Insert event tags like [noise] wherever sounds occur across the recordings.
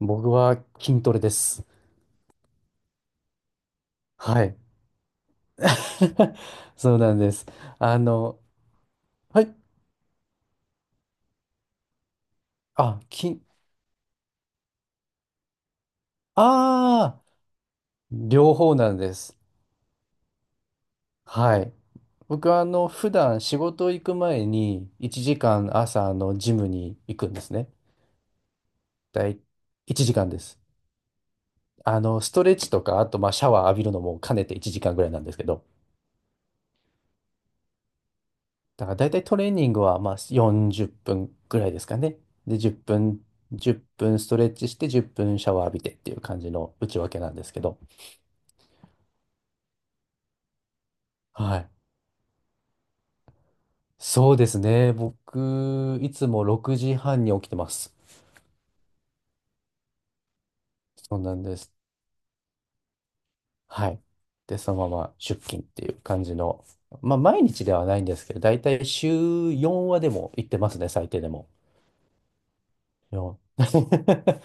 僕は筋トレです。はい。[laughs] そうなんです。あの、はい。あ、筋、ああ、両方なんです。はい。僕は普段仕事行く前に1時間朝のジムに行くんですね。だい1時間です。ストレッチとか、あとまあシャワー浴びるのも兼ねて1時間ぐらいなんですけど。だから大体トレーニングはまあ40分ぐらいですかね。で、10分、1分ストレッチして10分シャワー浴びてっていう感じの内訳なんですけど。はい。そうですね。僕、いつも6時半に起きてます。そうなんです。はい。で、そのまま出勤っていう感じの。まあ、毎日ではないんですけど、大体週4はでも行ってますね、最低でも。4。[laughs]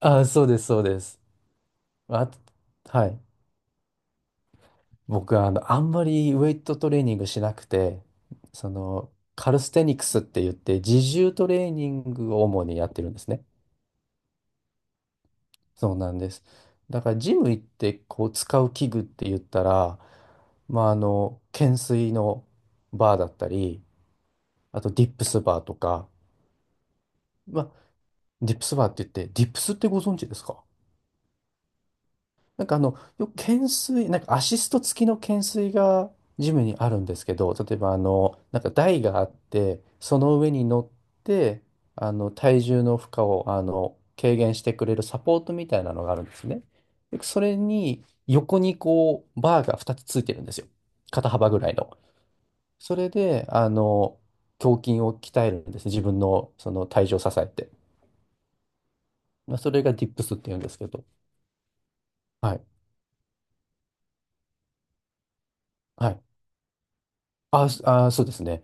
あ、そうです、そうです。あ、はい。僕はあんまりウェイトトレーニングしなくて、その、カルステニクスって言って、自重トレーニングを主にやってるんですね。そうなんです。だから、ジム行って、こう、使う器具って言ったら、まあ、懸垂のバーだったり、あと、ディップスバーとか、まあ、ディップスバーって言って、ディップスってご存知ですか？なんかあの、よく懸垂、なんかアシスト付きの懸垂がジムにあるんですけど、例えばなんか台があって、その上に乗って、体重の負荷を、軽減してくれるサポートみたいなのがあるんですね。で、それに横にこう、バーが2つついてるんですよ。肩幅ぐらいの。それで、胸筋を鍛えるんですね。自分のその体重を支えて。まあ、それがディップスって言うんですけど。はい。はい。そうですね。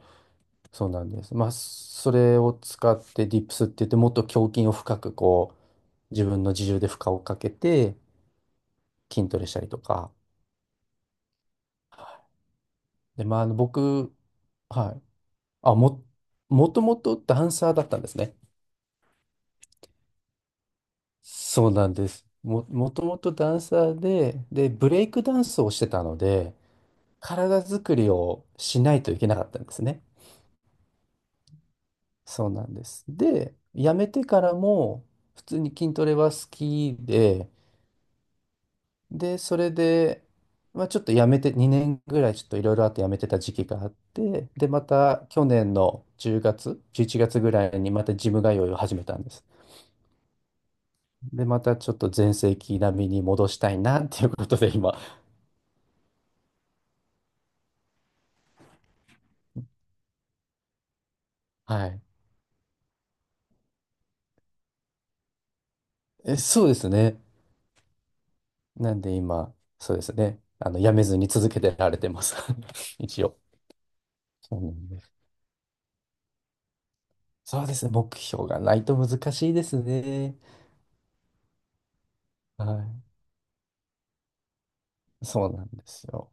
そうなんです。まあ、それを使ってディップスって言って、もっと胸筋を深くこう、自分の自重で負荷をかけて筋トレしたりとか。で、まあ、あの僕、はい。あ、も、もともとダンサーだったんですね。そうなんです。もともとダンサーで、ブレイクダンスをしてたので、体作りをしないといけなかったんですね。そうなんです。で、辞めてからも、普通に筋トレは好きで、それで、まあ、ちょっとやめて、2年ぐらいちょっといろいろあってやめてた時期があって、で、また去年の10月、11月ぐらいにまたジム通いを始めたんです。で、またちょっと全盛期並みに戻したいなっていうことで今、はい。え、そうですね。なんで今、そうですね。やめずに続けてられてます。[laughs] 一応。そうなんです。そうですね。目標がないと難しいですね。はい。そうなんですよ。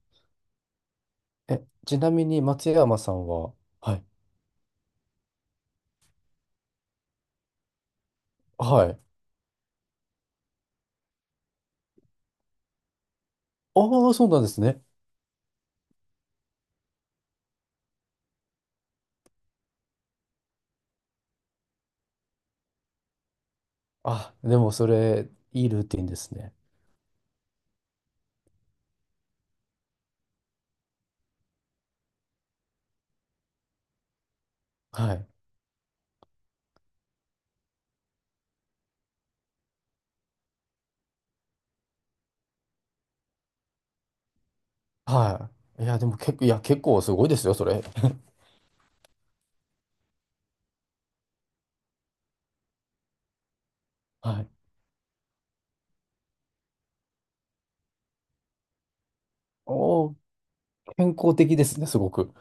え、ちなみに松山さんは、はいはい。ああ、そうなんですね。あ、でもそれ、いいルーティンですね。はい。はい。いや、でも結構、いや、結構すごいですよ、それ。[laughs] はい。おお、健康的ですね、すごく。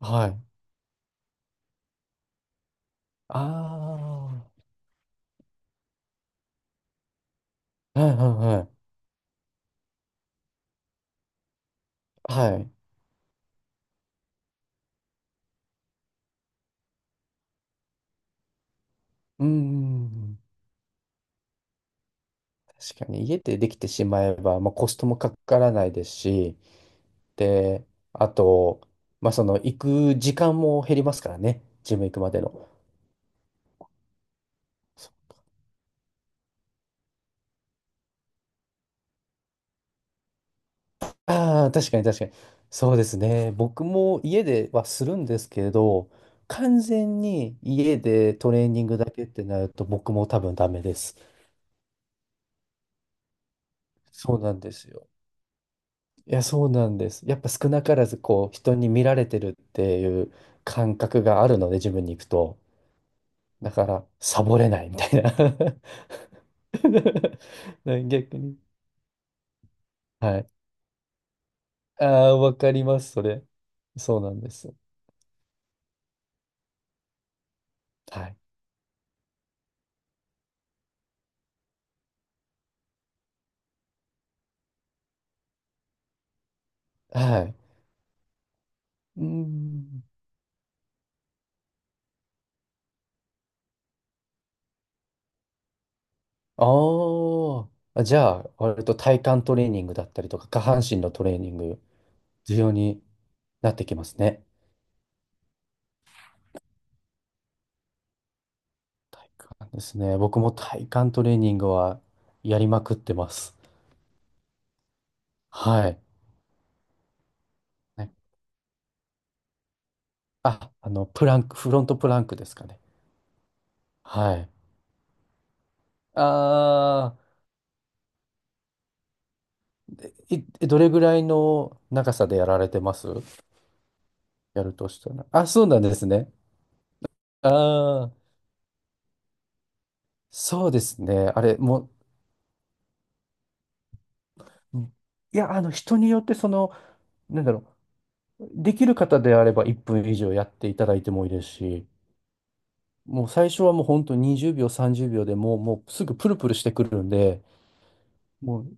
はい。ああ、はいはいはい。はい。うん。確かに、家でできてしまえば、まあ、コストもかからないですし、で、あと、まあ、その、行く時間も減りますからね、ジム行くまでの。ああ、確かに確かに。そうですね。僕も家ではするんですけれど、完全に家でトレーニングだけってなると僕も多分ダメです。そうなんですよ。いや、そうなんです。やっぱ少なからずこう人に見られてるっていう感覚があるので自分に行くと。だからサボれないみたいな。 [laughs] 逆に。はい。ああ、わかります、それ。そうなんです。はい。はい。うん。ああ、じゃあ、割と体幹トレーニングだったりとか、下半身のトレーニング、重要になってきますね。体幹ですね。僕も体幹トレーニングはやりまくってます。はい。ねあ、プランク、フロントプランクですかね。はい。ああ、どれぐらいの長さでやられてます？やるとしたら。あ、そうなんですね。ああ、そうですね。あれ、いや、人によって、なんだろうできる方であれば1分以上やっていただいてもいいですし、もう最初はもう本当20秒、30秒でもう、もうすぐプルプルしてくるんで、もう、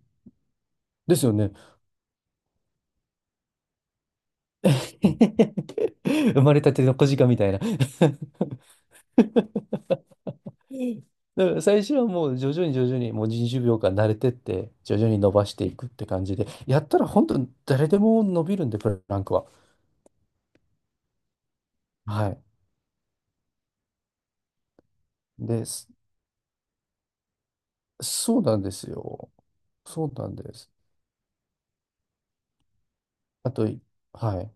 ですよね。[laughs] 生まれたての小鹿みたいな。 [laughs] だから最初はもう徐々に徐々にもう20秒間慣れてって、徐々に伸ばしていくって感じで、やったら本当に誰でも伸びるんで、プランクは。はい。で、そうなんですよ。そうなんです。あと、はい。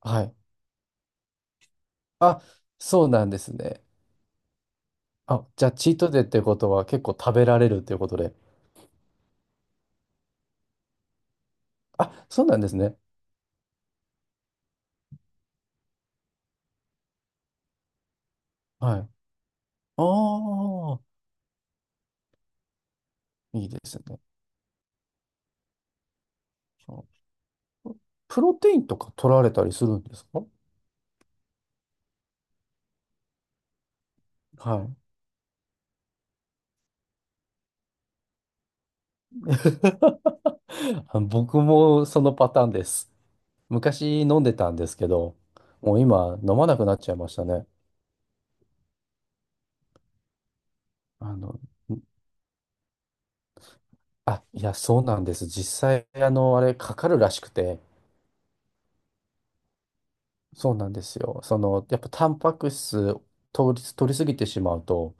はい。あ、そうなんですね。あ、じゃあ、チートデイってことは結構食べられるということで。あ、そうなんですね。はい。ああ、いいですね。そう、プロテインとか取られたりするんですか？はい。[laughs] あ、僕もそのパターンです。昔飲んでたんですけど、もう今飲まなくなっちゃいましたね。あの、いや、そうなんです。実際、あの、あれ、かかるらしくて、そうなんですよ。その、やっぱタンパク質取りすぎてしまうと、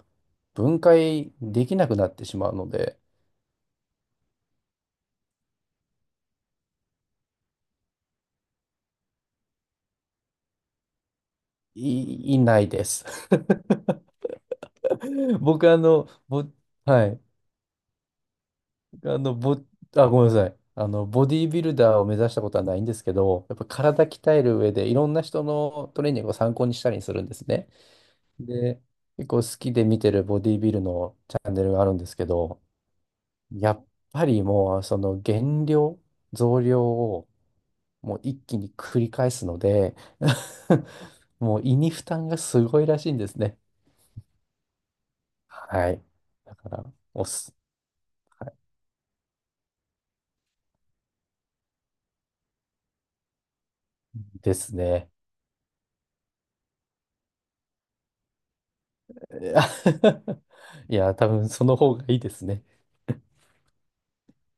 分解できなくなってしまうので、いないです。[laughs] 僕、あの、ぼ、はい、あの、ぼ、あ、ごめんなさい。ボディービルダーを目指したことはないんですけど、やっぱ体鍛える上で、いろんな人のトレーニングを参考にしたりするんですね。で、結構好きで見てるボディービルのチャンネルがあるんですけど、やっぱりもう、その減量、増量をもう一気に繰り返すので [laughs] もう胃に負担がすごいらしいんですね。はい。だから、おす、はいですね。[laughs] いや、多分その方がいいですね。